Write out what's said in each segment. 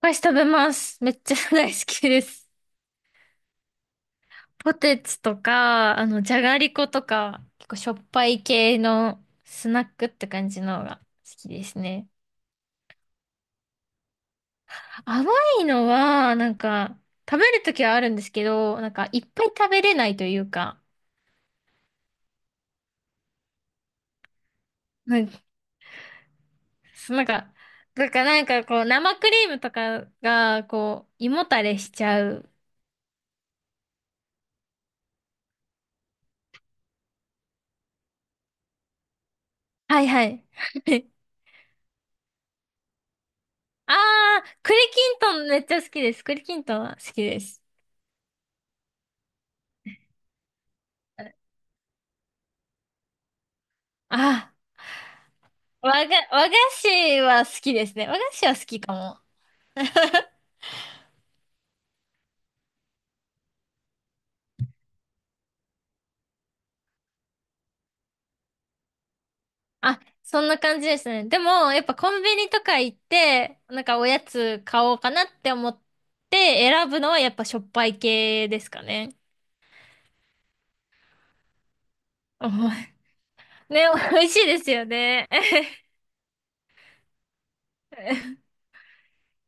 お菓子食べます。めっちゃ大好きです。ポテチとか、じゃがりことか、結構しょっぱい系のスナックって感じのが好きですね。甘いのは、なんか、食べるときはあるんですけど、なんか、いっぱい食べれないというか、なんか、そうなんか、なんか、なんかこう、生クリームとかが、こう、胃もたれしちゃう。はいはい。あー、栗きんとんめっちゃ好きです。栗きんとんは好きです。あー和菓子は好きですね。和菓子は好きかも。あ、そんな感じですね。でも、やっぱコンビニとか行って、なんかおやつ買おうかなって思って選ぶのはやっぱしょっぱい系ですかね。おいね、美味しいですよね。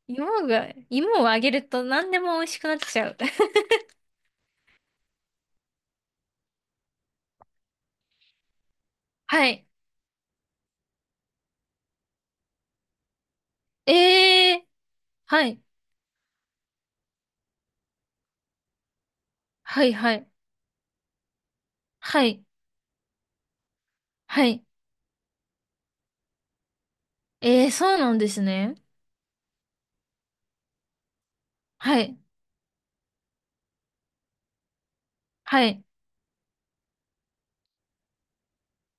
芋をあげると何でも美味しくなっちゃう。はい。ええー、はい。はい、はい。はい。はい。ええー、そうなんですね。はい。はい。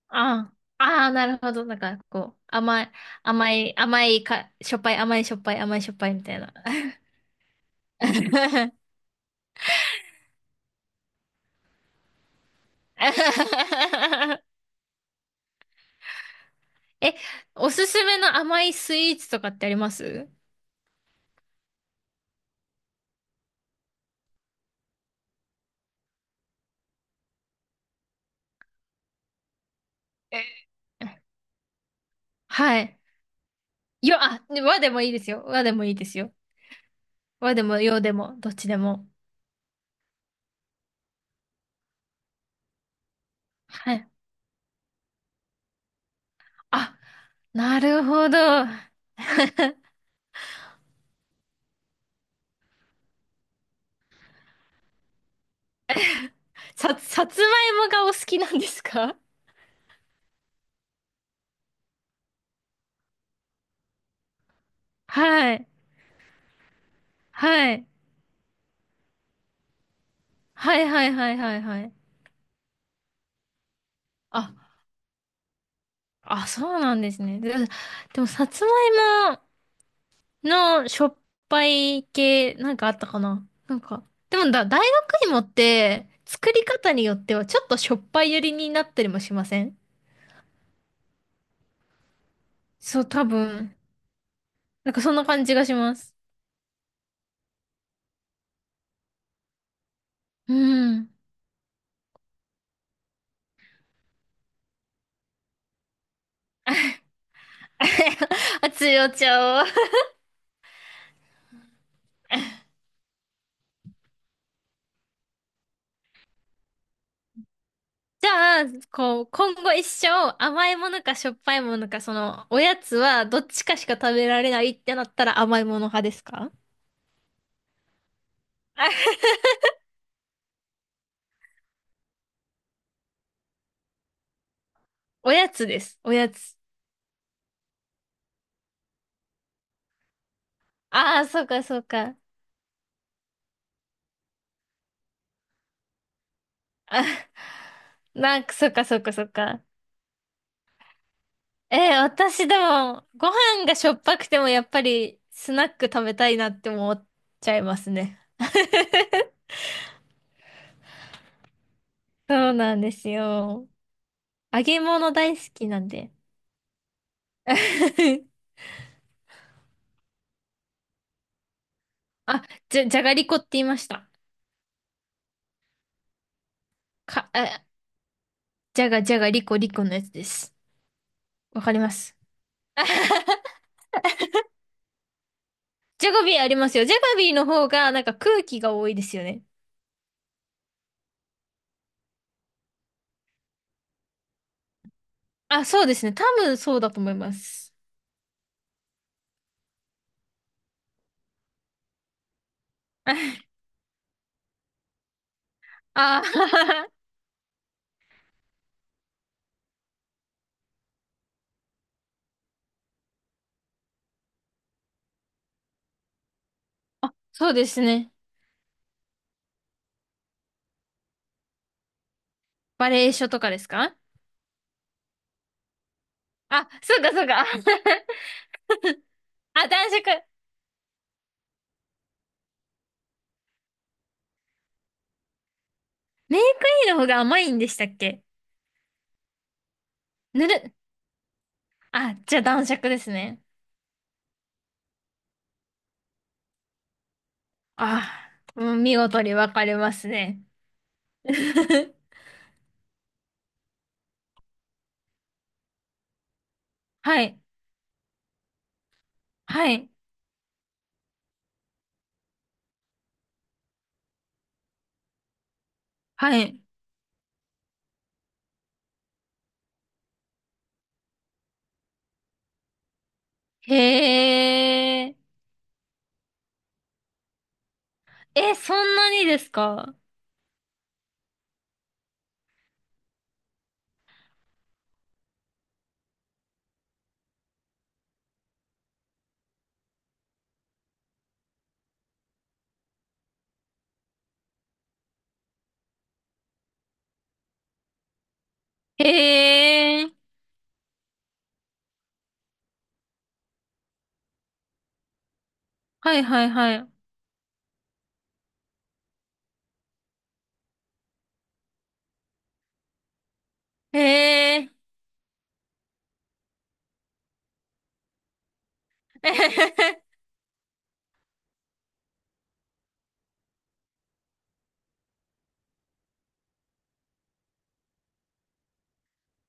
ああ、ああ、なるほど。なんか、こう、甘い、甘い、甘いか、しょっぱい、甘い、しょっぱい、甘い、しょっぱいみたいな。え、おすすめの甘いスイーツとかってあります？えはい。和でもいいですよ。和でもいいですよ。和でも洋でも、どっちでも。はい。あ、なるほど。さつまいもがお好きなんですか？はい。はい。はいはいはいはいはい。あ、あ、そうなんですね。で、でも、さつまいものしょっぱい系、なんかあったかななんか、でもだ、大学芋って、作り方によっては、ちょっとしょっぱい寄りになったりもしません？そう、多分。なんか、そんな感じがします。うん。熱いお茶を。じゃあ、こう、今後一生、甘いものかしょっぱいものか、その、おやつは、どっちかしか食べられないってなったら甘いもの派ですか？ おやつです。おやつ。ああ、そうか、そうか。あ、なんか、そうか、そうか、そうか。私でも、ご飯がしょっぱくても、やっぱり、スナック食べたいなって思っちゃいますね。そうなんですよ。揚げ物大好きなんで。あ、じゃがりこって言いました？か、あ、じゃがじゃがりこりこのやつです。わかります。ジャガビーありますよ。ジャガビーの方がなんか空気が多いですよね。あ、そうですね。多分そうだと思います。ああ、そうですね。バレエ書とかですか？あ、そうかそうか。あ、男爵。メイクインの方が甘いんでしたっけ？ぬる。あ、じゃあ男爵ですね。ああ、うん見事に分かれますね。はい。はい。はい。へえ。え、そんなにですか？へえ。はいはいはい。へえ。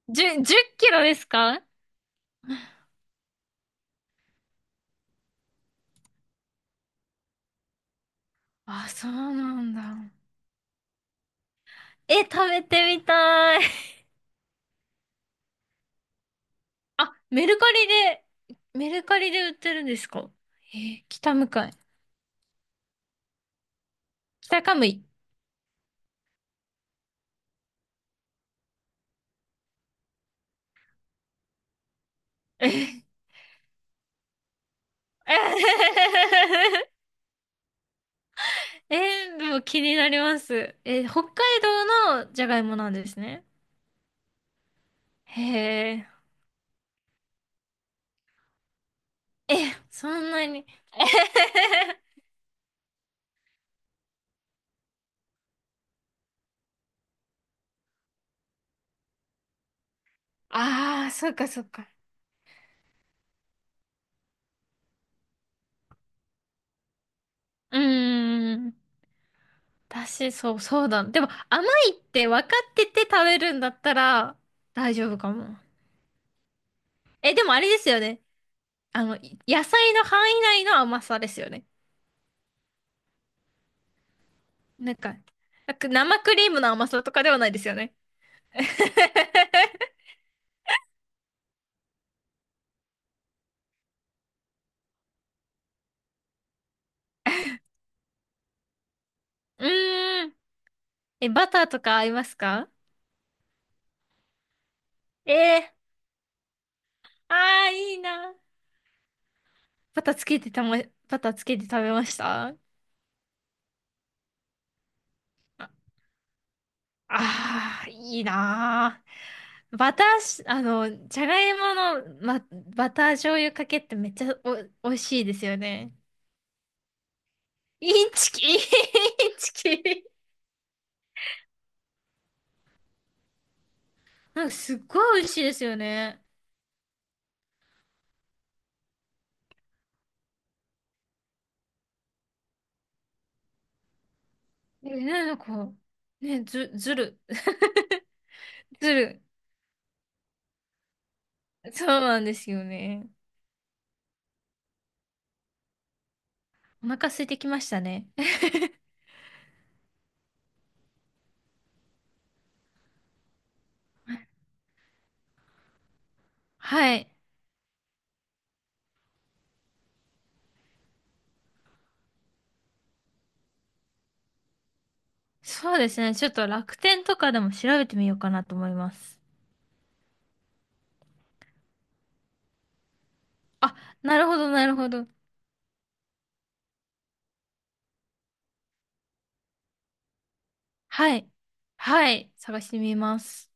10キロですか？あ、そうなんだ。え、食べてみたい。あ、メルカリで売ってるんですか？えー北向かい。北カムイ。えー、でも気になります。北海道のじゃがいもなんですね。へえ。え、そんなに。ああ、そうかそうか。うーん。私、そう、そうだ。でも、甘いって分かってて食べるんだったら大丈夫かも。え、でもあれですよね。野菜の範囲内の甘さですよね。なんか、なんか生クリームの甘さとかではないですよね。うーん。え、バターとか合いますか？ええー、ああ、いいな。バターつけてたま、バターつけて食べました？ああー、いいなー。バターし、あの、じゃがいもの、バター醤油かけってめっちゃ美味しいですよね。インチキ、インチキ。なんかすっごい美味しいですよね。え、なんか、ね、ずる、ずる。そうなんですよね。お腹空いてきましたね。はい。そうですね。ちょっと楽天とかでも調べてみようかなと思います。あ、なるほど、なるほど。はい。はい。探してみます。